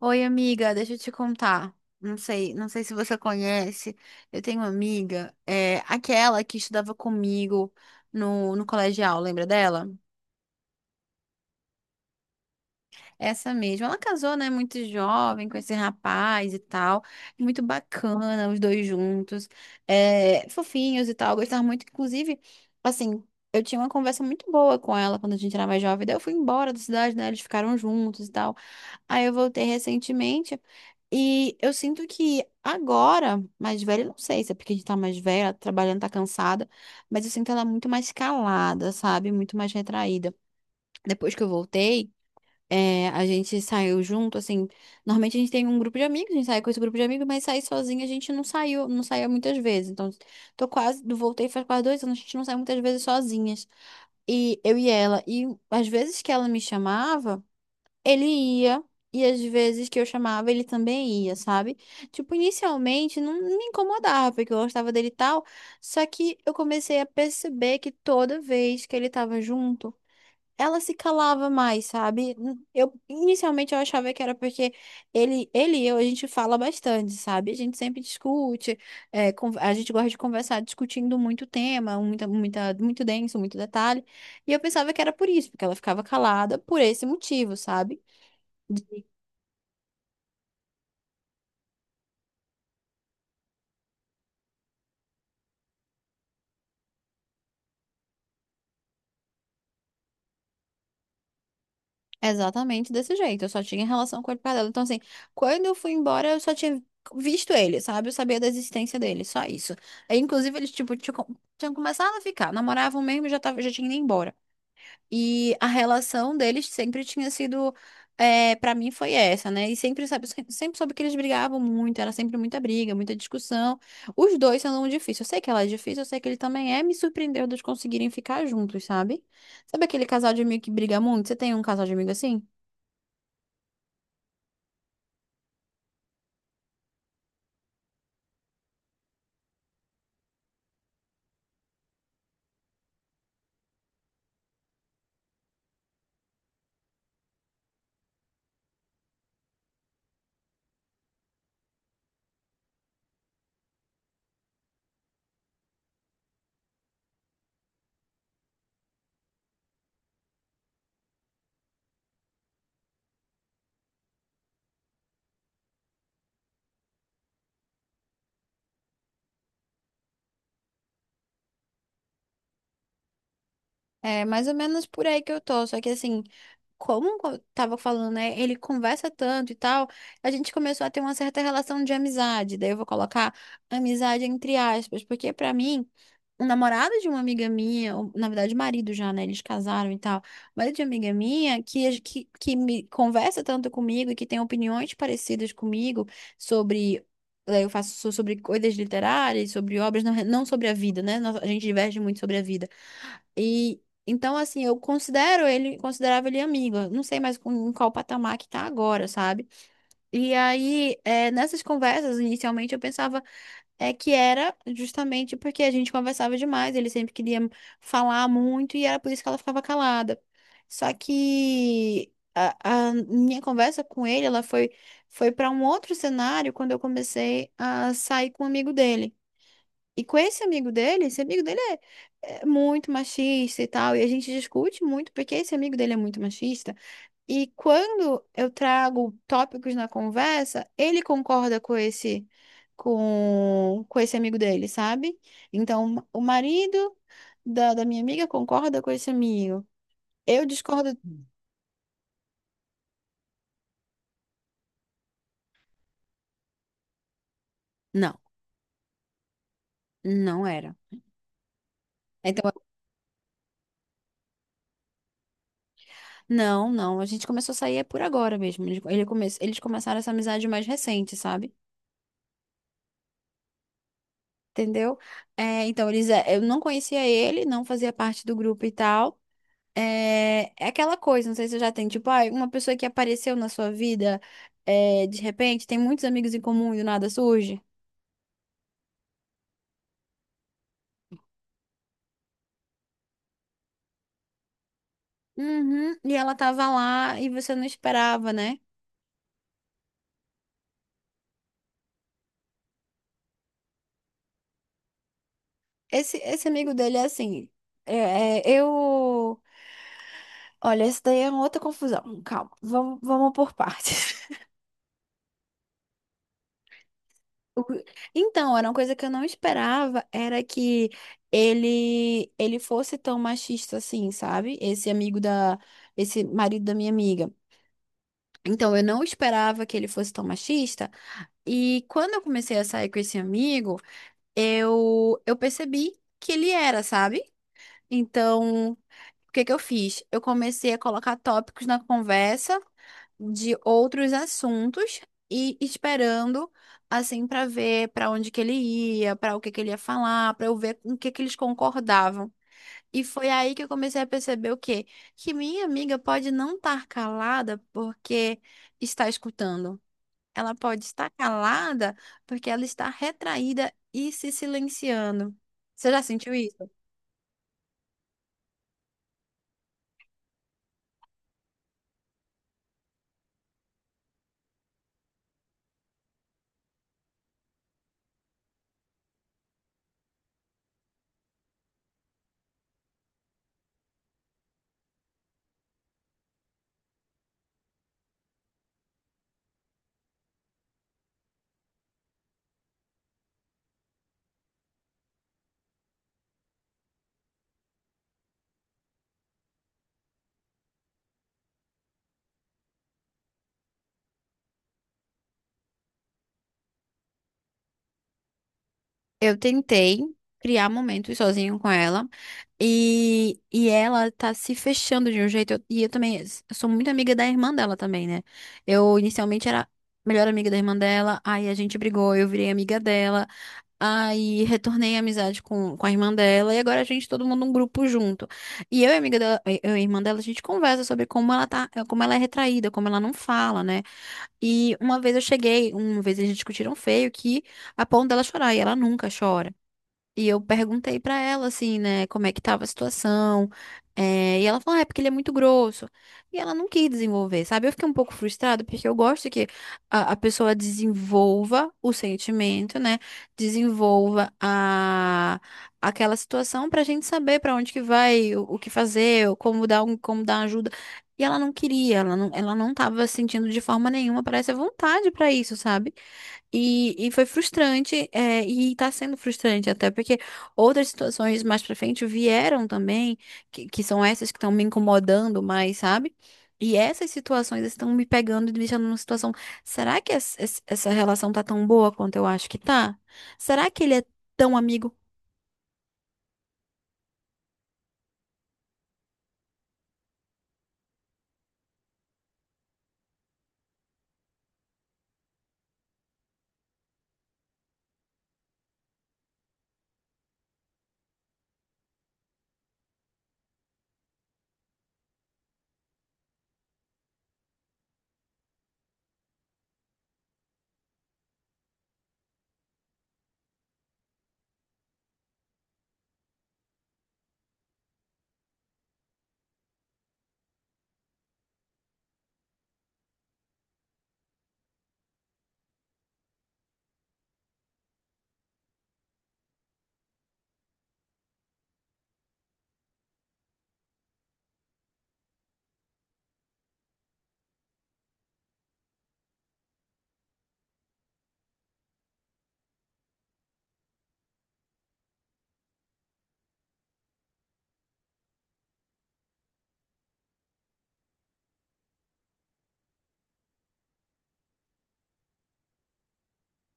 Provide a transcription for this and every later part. Oi, amiga, deixa eu te contar. Não sei se você conhece. Eu tenho uma amiga, aquela que estudava comigo no colegial, lembra dela? Essa mesma. Ela casou, né, muito jovem com esse rapaz e tal. Muito bacana, os dois juntos. É, fofinhos e tal. Eu gostava muito, inclusive, assim, eu tinha uma conversa muito boa com ela quando a gente era mais jovem. Daí eu fui embora da cidade, né? Eles ficaram juntos e tal. Aí eu voltei recentemente. E eu sinto que agora, mais velha, não sei se é porque a gente tá mais velha, trabalhando, tá cansada, mas eu sinto ela muito mais calada, sabe? Muito mais retraída. Depois que eu voltei. É, a gente saiu junto, assim. Normalmente a gente tem um grupo de amigos, a gente sai com esse grupo de amigos, mas sair sozinha a gente não saiu, não saía muitas vezes. Então, tô quase, voltei faz quase dois anos, a gente não sai muitas vezes sozinhas. E eu e ela. E às vezes que ela me chamava, ele ia. E às vezes que eu chamava, ele também ia, sabe? Tipo, inicialmente não me incomodava, porque eu gostava dele e tal. Só que eu comecei a perceber que toda vez que ele tava junto, ela se calava mais, sabe? Eu inicialmente eu achava que era porque ele e eu a gente fala bastante, sabe? A gente sempre discute, a gente gosta de conversar discutindo muito tema, muito denso, muito detalhe. E eu pensava que era por isso, porque ela ficava calada por esse motivo, sabe? Exatamente desse jeito. Eu só tinha relação com ele para dela. Então, assim, quando eu fui embora, eu só tinha visto ele, sabe? Eu sabia da existência dele, só isso. Aí, inclusive, eles, tipo, tinham começado a ficar, namoravam mesmo e já tava, já tinha ido embora. E a relação deles sempre tinha sido, é, para mim, foi essa, né? E sempre, sabe, sempre soube que eles brigavam muito, era sempre muita briga, muita discussão. Os dois são difíceis. Eu sei que ela é difícil, eu sei que ele também é, me surpreendeu de eles conseguirem ficar juntos, sabe? Sabe aquele casal de amigo que briga muito? Você tem um casal de amigo assim? É mais ou menos por aí que eu tô. Só que assim, como eu tava falando, né? Ele conversa tanto e tal, a gente começou a ter uma certa relação de amizade. Daí eu vou colocar amizade entre aspas, porque pra mim, o namorado de uma amiga minha, ou, na verdade, marido já, né? Eles casaram e tal. Marido de uma amiga minha que me conversa tanto comigo e que tem opiniões parecidas comigo sobre. Daí eu faço sobre coisas literárias, sobre obras, não sobre a vida, né? A gente diverge muito sobre a vida. E então, assim, eu considero ele, considerava ele amiga. Não sei mais com, em qual patamar que tá agora, sabe? E aí, é, nessas conversas, inicialmente, eu pensava que era justamente porque a gente conversava demais, ele sempre queria falar muito e era por isso que ela ficava calada. Só que a minha conversa com ele, ela foi, foi para um outro cenário quando eu comecei a sair com um amigo dele. E com esse amigo dele é muito machista e tal, e a gente discute muito porque esse amigo dele é muito machista. E quando eu trago tópicos na conversa, ele concorda com esse com esse amigo dele, sabe? Então, o marido da minha amiga concorda com esse amigo. Eu discordo. Não, não era. Então, eu- não, não, a gente começou a sair é por agora mesmo. Ele come... Eles começaram essa amizade mais recente, sabe? Entendeu? É, então, eles, é, eu não conhecia ele, não fazia parte do grupo e tal. É, é aquela coisa, não sei se você já tem, tipo, ah, uma pessoa que apareceu na sua vida, é, de repente, tem muitos amigos em comum e do nada surge. Uhum, e ela tava lá e você não esperava, né? Esse amigo dele é assim. É, é, eu. Olha, esse daí é uma outra confusão. Calma, vamos por partes. O Então, era uma coisa que eu não esperava, era que ele fosse tão machista assim, sabe? Esse marido da minha amiga. Então, eu não esperava que ele fosse tão machista, e quando eu comecei a sair com esse amigo, eu percebi que ele era, sabe? Então, o que que eu fiz? Eu comecei a colocar tópicos na conversa de outros assuntos e esperando assim para ver para onde que ele ia, para o que que ele ia falar, para eu ver com o que que eles concordavam. E foi aí que eu comecei a perceber o quê? Que minha amiga pode não estar calada porque está escutando. Ela pode estar calada porque ela está retraída e se silenciando. Você já sentiu isso? Eu tentei criar momentos sozinho com ela e ela tá se fechando de um jeito. E eu também sou muito amiga da irmã dela também, né? Eu inicialmente era melhor amiga da irmã dela, aí a gente brigou, eu virei amiga dela, aí retornei a amizade com a irmã dela e agora a gente todo mundo um grupo junto. E eu e a amiga dela, eu e a irmã dela, a gente conversa sobre como ela tá, como ela é retraída, como ela não fala, né? E uma vez eu cheguei, uma vez eles discutiram feio que a ponto dela chorar e ela nunca chora. E eu perguntei pra ela, assim, né, como é que tava a situação. E ela falou, ah, é porque ele é muito grosso. E ela não quis desenvolver, sabe? Eu fiquei um pouco frustrada, porque eu gosto que a pessoa desenvolva o sentimento, né? Desenvolva a, aquela situação pra gente saber pra onde que vai, o que fazer, ou como dar, um, como dar ajuda. E ela não queria, ela não tava sentindo de forma nenhuma, parece a vontade pra isso, sabe? E foi frustrante, é, e tá sendo frustrante até, porque outras situações mais pra frente vieram também, que são essas que estão me incomodando mais, sabe? E essas situações estão me pegando e me deixando numa situação. Será que essa essa relação tá tão boa quanto eu acho que tá? Será que ele é tão amigo.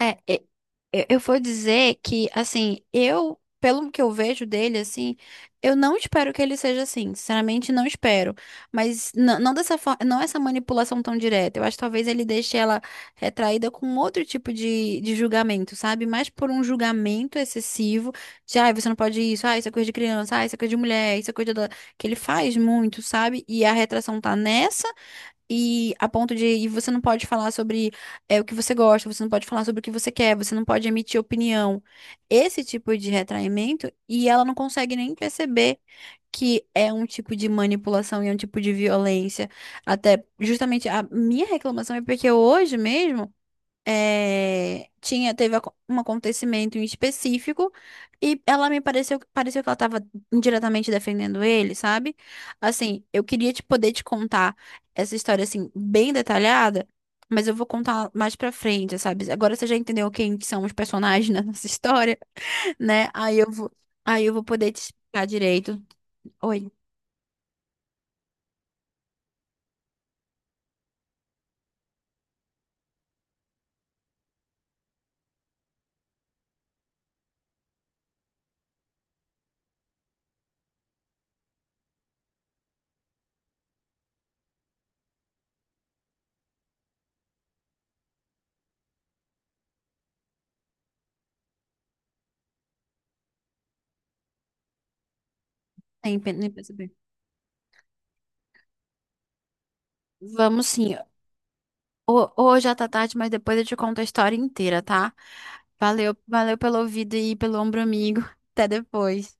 É, é, eu vou dizer que, assim, eu, pelo que eu vejo dele, assim, eu não espero que ele seja assim, sinceramente não espero, mas não dessa forma, não essa manipulação tão direta, eu acho que talvez ele deixe ela retraída com outro tipo de julgamento, sabe? Mais por um julgamento excessivo de, ai, você não pode isso, ai, isso é coisa de criança, ai, isso é coisa de mulher, isso é coisa da... que ele faz muito, sabe? E a retração tá nessa e a ponto de, e você não pode falar sobre o que você gosta, você não pode falar sobre o que você quer, você não pode emitir opinião. Esse tipo de retraimento, e ela não consegue nem perceber que é um tipo de manipulação e é um tipo de violência. Até justamente a minha reclamação é porque hoje mesmo teve um acontecimento em específico e ela me pareceu, pareceu que ela estava indiretamente defendendo ele, sabe? Assim, eu queria te poder te contar essa história assim bem detalhada, mas eu vou contar mais pra frente, sabe? Agora você já entendeu quem que são os personagens nessa história, né? Aí eu vou poder te explicar direito. Oi, nem percebi. Vamos sim. Hoje já tá tarde, mas depois eu te conto a história inteira, tá? Valeu, valeu pelo ouvido e pelo ombro amigo. Até depois.